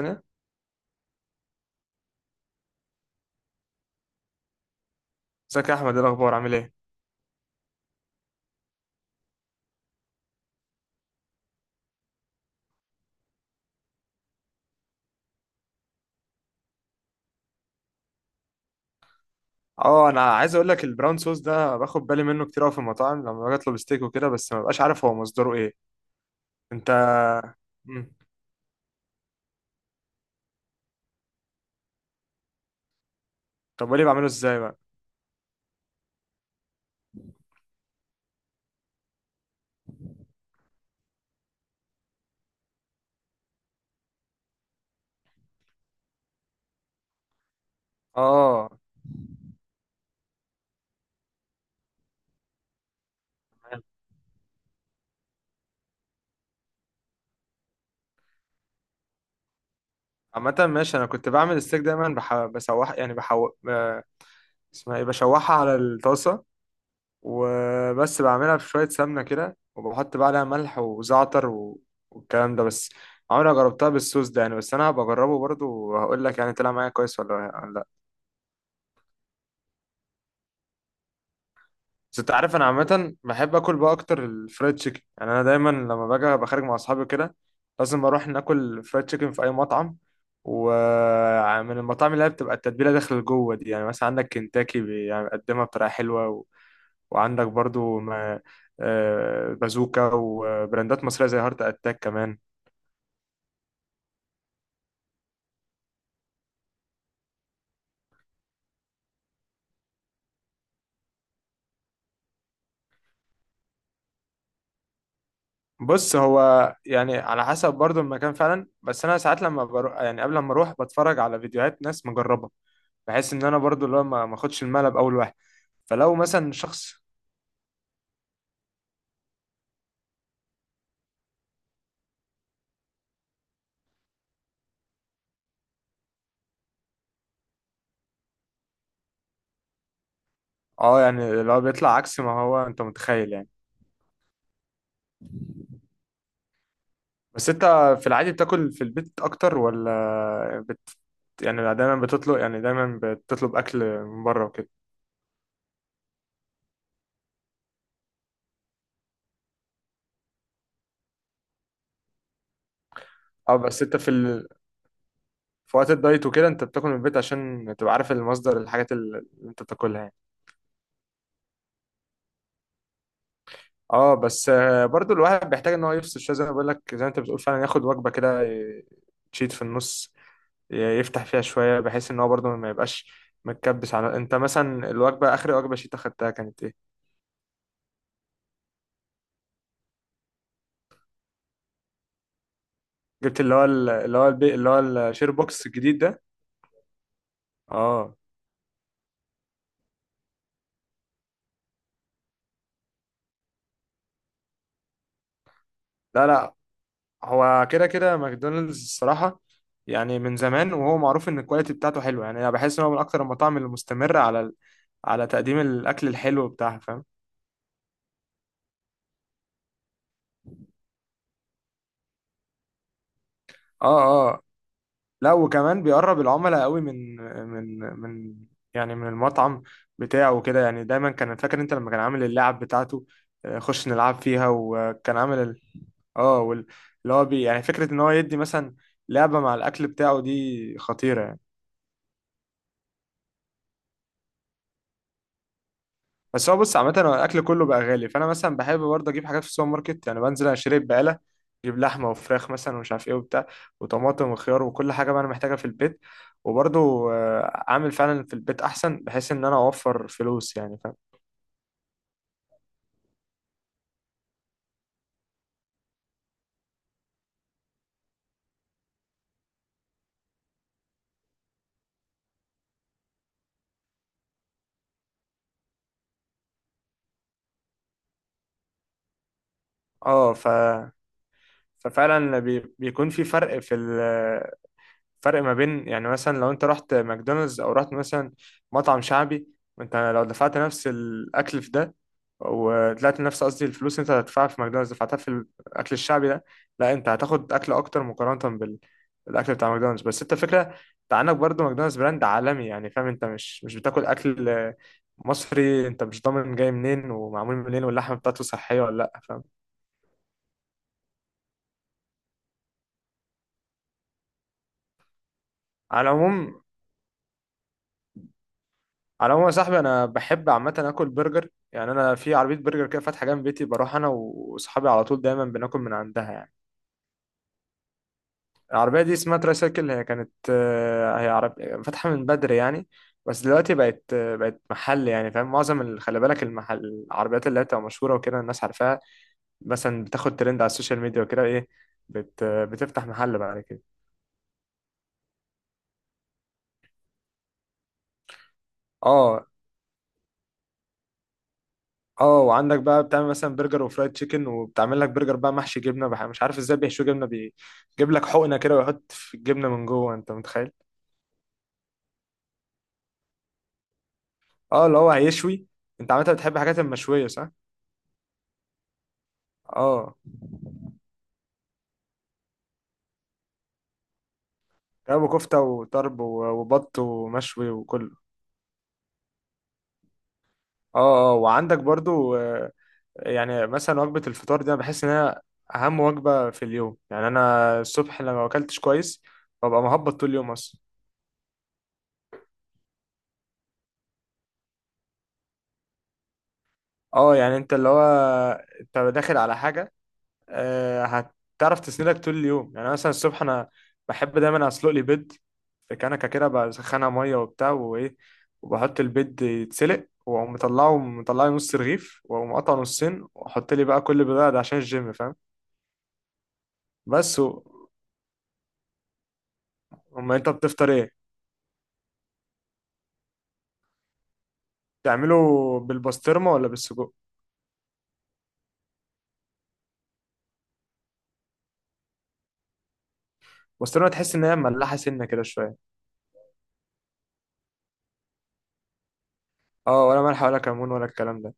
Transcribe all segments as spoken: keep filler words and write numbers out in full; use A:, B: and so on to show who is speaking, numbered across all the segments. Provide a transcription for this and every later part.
A: انا. ازيك يا احمد؟ ايه الاخبار؟ عامل ايه؟ اه، انا عايز اقول لك البراون صوص ده باخد بالي منه كتير قوي في المطاعم لما باجي اطلب ستيك وكده، بس ما ببقاش عارف هو مصدره ايه. انت. مم. طب قولي بعمله ازاي بقى؟ اه عامة ماشي. انا كنت بعمل الستيك دايما بح... بسوح يعني بحو ب- اسمها ايه؟ بشوحها على الطاسة وبس، بعملها في شوية سمنة كده وبحط بقى عليها ملح وزعتر و... والكلام ده بس. عمري ما جربتها بالصوص ده يعني، بس انا هبقى اجربه برضه وهقول لك يعني طلع معايا كويس ولا ولا بس انت عارف انا عامه بحب اكل بقى اكتر الفرايد تشيكن، يعني انا دايما لما باجي ابقى خارج مع اصحابي كده لازم اروح ناكل فرايد تشيكن في اي مطعم. ومن المطاعم اللي هي بتبقى التتبيله داخل جوه دي، يعني مثلا عندك كنتاكي بي- يعني بيقدمها بطريقه حلوه و... وعندك برضو ما... آه، بازوكا وبراندات مصريه زي هارت اتاك كمان. بص هو يعني على حسب برضو المكان فعلا، بس انا ساعات لما بروح، يعني قبل ما اروح بتفرج على فيديوهات ناس مجربه، بحيث ان انا برضو اللي هو ما ما اخدش الملعب اول واحد. فلو مثلا شخص، اه، يعني لو بيطلع عكس ما هو انت متخيل يعني. بس انت في العادي بتاكل في البيت اكتر ولا بت... يعني دايما بتطلب، يعني دايما بتطلب اكل من بره وكده؟ اه بس انت في ال... في وقت الدايت وكده انت بتاكل من البيت عشان تبقى عارف المصدر الحاجات اللي انت بتاكلها يعني. اه بس آه، برضو الواحد بيحتاج ان هو يفصل شويه، زي ما بقول لك زي ما انت بتقول فعلا ياخد وجبه كده ي- تشيت في النص، يفتح فيها شوية بحيث ان هو برضو ما يبقاش متكبس. على، انت مثلا الوجبة اخر وجبة شيت اخدتها كانت ايه؟ جبت اللي هو ال- اللي هو البي... اللي هو الشير بوكس الجديد ده؟ اه. لا لا، هو كده كده ماكدونالدز الصراحة، يعني من زمان وهو معروف ان الكواليتي بتاعته حلوة. يعني انا بحس ان هو من اكتر المطاعم اللي مستمرة على ال... على تقديم الاكل الحلو بتاعها، فاهم؟ اه. لا وكمان بيقرب العملاء قوي من من من يعني من المطعم بتاعه وكده. يعني دايما كان فاكر انت لما كان عامل اللعب بتاعته، آه، خش نلعب فيها، وكان عامل ال- اه وال- اللي هو بي يعني فكرة ان هو يدي مثلا لعبة مع الاكل بتاعه، دي خطيرة يعني. بس هو بص، عامة هو الأكل كله بقى غالي، فأنا مثلا بحب برضه أجيب حاجات في السوبر ماركت. يعني بنزل أشتري بقالة، أجيب لحمة وفراخ مثلا ومش عارف إيه وبتاع، وطماطم وخيار وكل حاجة بقى أنا محتاجها في البيت. وبرضه، آه، أعمل فعلا في البيت أحسن بحيث إن أنا أوفر فلوس يعني، فاهم؟ أه ف... ففعلا بي... بيكون في فرق في ال... فرق ما بين يعني مثلا لو انت رحت ماكدونالدز او رحت مثلا مطعم شعبي، وانت لو دفعت نفس الاكل في ده وطلعت نفس قصدي الفلوس انت هتدفعها في ماكدونالدز دفعتها في الاكل الشعبي ده، لا انت هتاخد اكل اكتر مقارنة بال- بالاكل بتاع ماكدونالدز. بس انت فكرة، انت عندك برضه ماكدونالدز براند عالمي يعني فاهم، انت مش مش بتاكل اكل مصري، انت مش ضامن جاي منين ومعمول منين واللحمة بتاعته صحية ولا لا، فاهم؟ على العموم، على العموم يا صاحبي انا بحب عامه اكل برجر، يعني انا في عربيه برجر كده فاتحه جنب بيتي، بروح انا واصحابي على طول دايما بناكل من عندها يعني. العربيه دي اسمها ترايسايكل، هي كانت آه، هي عرب، فاتحه من بدري يعني، بس دلوقتي بقت آه، بقت محل يعني فاهم. معظم ال- خلي بالك المحل، العربيات اللي هي بتبقى مشهوره وكده الناس عارفاها، مثلا بتاخد ترند على السوشيال ميديا وكده ايه، بت آه، بتفتح محل بعد كده. اه اه. وعندك بقى بتعمل مثلا برجر وفرايد تشيكن، وبتعمل لك برجر بقى محشي جبنه بح... مش عارف ازاي بيحشوا جبنه، بيجيب لك حقنه كده ويحط في الجبنه من جوه، انت متخيل؟ اه اللي هو هيشوي. انت عامه بتحب الحاجات المشويه صح؟ اه، كباب وكفته وطرب و- وبط ومشوي وكله. اه اه. وعندك برضو آه، يعني مثلا وجبه الفطار دي انا بحس انها اهم وجبه في اليوم، يعني انا الصبح لما ما اكلتش كويس ببقى مهبط طول اليوم اصلا. اه يعني انت اللي هو، انت داخل على حاجه آه، هتعرف تسندك طول اليوم. يعني مثلا الصبح انا بحب دايما اسلق لي بيض، في كنكه كده بسخنها ميه وبتاع وايه، وبحط البيض يتسلق، واقوم مطلعه، مطلعه نص رغيف واقوم قطعه نصين واحط لي بقى كل بيضه ده عشان الجيم، فاهم؟ بس و... اما انت بتفطر ايه؟ تعمله بالبسطرمه ولا بالسجق؟ البسطرمه تحس ان هي مملحه سنه كده شويه. اه ولا ملح ولا كمون ولا الكلام ده.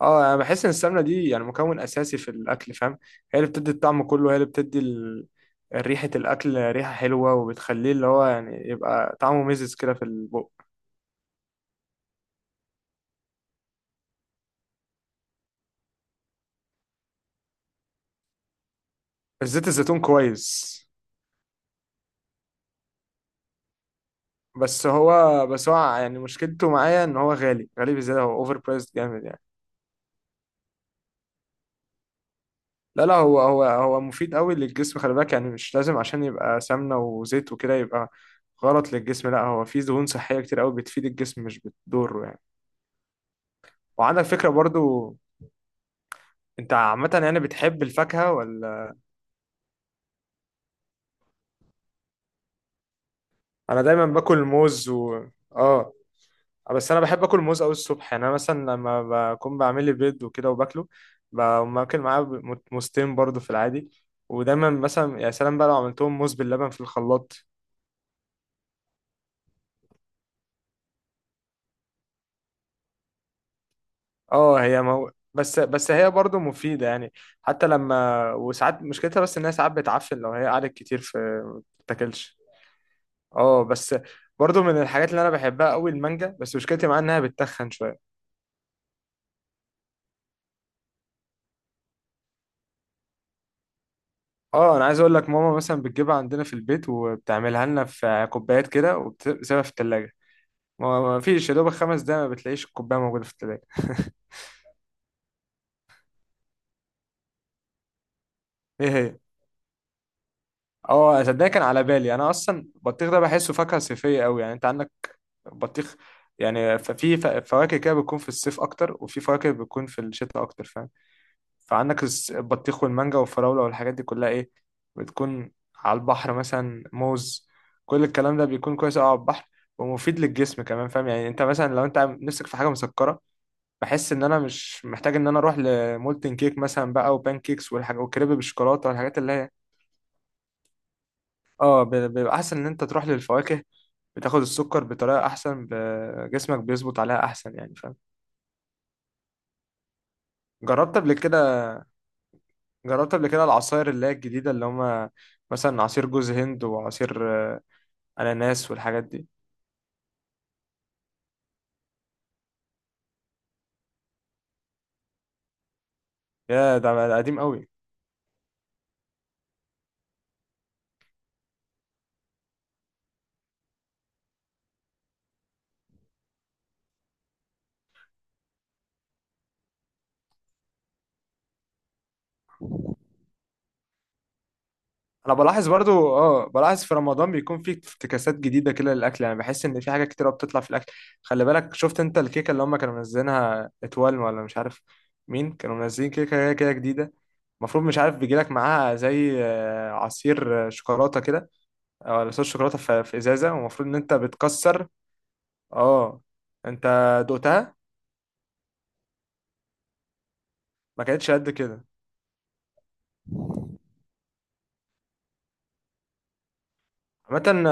A: اه انا بحس ان السمنه دي يعني مكون اساسي في الاكل، فاهم؟ هي اللي بتدي الطعم كله، هي اللي بتدي ال... ريحه الاكل ريحه حلوه، وبتخليه اللي هو يعني يبقى طعمه مزز كده في البق. زيت الزيتون كويس. بس هو بس هو يعني مشكلته معايا ان هو غالي، غالي بزياده، هو اوفر برايسد جامد يعني. لا لا، هو هو هو مفيد قوي للجسم، خلي بالك، يعني مش لازم عشان يبقى سمنه وزيت وكده يبقى غلط للجسم، لا هو فيه دهون صحيه كتير قوي بتفيد الجسم مش بتضره يعني. وعندك فكره برضو، انت عامة يعني بتحب الفاكهة ولا؟ انا دايما باكل موز و، اه بس انا بحب اكل موز قوي الصبح، يعني انا مثلا لما بكون بعمل لي بيض وكده وباكله بقوم اكل معاه ب- موزتين برضه في العادي. ودايما مثلا يا سلام بقى لو عملتهم موز باللبن في الخلاط. اه هي مو... بس بس هي برضه مفيدة يعني، حتى لما وساعات مشكلتها، بس انها ساعات بتعفن لو هي قعدت كتير في ما بتتاكلش. اه بس برضه من الحاجات اللي انا بحبها قوي المانجا، بس مشكلتي معاها انها بتتخن شوية. اه انا عايز اقول لك ماما مثلا بتجيبها عندنا في البيت وبتعملها لنا في كوبايات كده وبتسيبها في التلاجة، ما ما فيش يا دوبك خمس دقايق ما بتلاقيش الكوباية موجودة في التلاجة. ايه هي؟ اه صدقني كان على بالي انا اصلا البطيخ ده بحسه فاكهة صيفية قوي، يعني انت عندك بطيخ، يعني ف- في ف- فواكه كده بتكون في الصيف اكتر، وفي فواكه بتكون في الشتاء اكتر، فاهم؟ فعندك الس- البطيخ والمانجا والفراولة والحاجات دي كلها ايه، بتكون على البحر، مثلا موز، كل الكلام ده بيكون كويس أوي على البحر ومفيد للجسم كمان، فاهم؟ يعني انت مثلا لو انت نفسك في حاجة مسكرة، بحس ان انا مش محتاج ان انا اروح لمولتن كيك مثلا بقى وبان كيكس والحاجة وكريب بالشوكولاتة والحاجات اللي هي، اه ب- بيبقى احسن ان انت تروح للفواكه، بتاخد السكر بطريقة احسن، ب- جسمك بيظبط عليها احسن، يعني فاهم؟ جربت قبل كده؟ جربت قبل كده العصاير اللي هي الجديدة اللي هما، مثلا عصير جوز هند وعصير آه، أناناس والحاجات دي؟ يا ده ده قديم قوي. أنا بلاحظ برضو، اه بلاحظ في رمضان بيكون في افتكاسات جديدة كده للأكل، يعني بحس إن في حاجة كتيرة بتطلع في الأكل. خلي بالك شفت أنت الكيكة اللي هما كانوا منزلينها اتوال ولا مش عارف مين كانوا منزلين كيكة هي كده جديدة؟ المفروض، مش عارف، بيجيلك معاها زي آه، عصير آه، شوكولاتة كده، أو صوص شوكولاتة في في إزازة والمفروض إن أنت بتكسر. اه، أنت دقتها؟ ما كانتش قد كده؟ عامة انا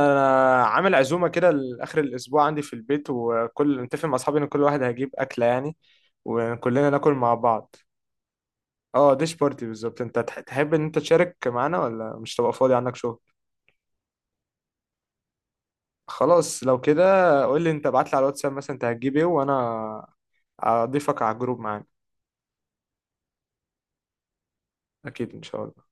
A: عامل عزومة كده لاخر الاسبوع عندي في البيت، وكل متفق مع اصحابي ان كل واحد هيجيب اكلة يعني، وكلنا ناكل مع بعض. اه ديش بارتي بالظبط. انت تح- تحب ان انت تشارك معانا ولا مش تبقى فاضي عندك شغل؟ خلاص لو كده، قول لي انت، ابعت لي على الواتساب مثلا انت هتجيب ايه وانا اضيفك على الجروب معانا. اكيد ان شاء الله.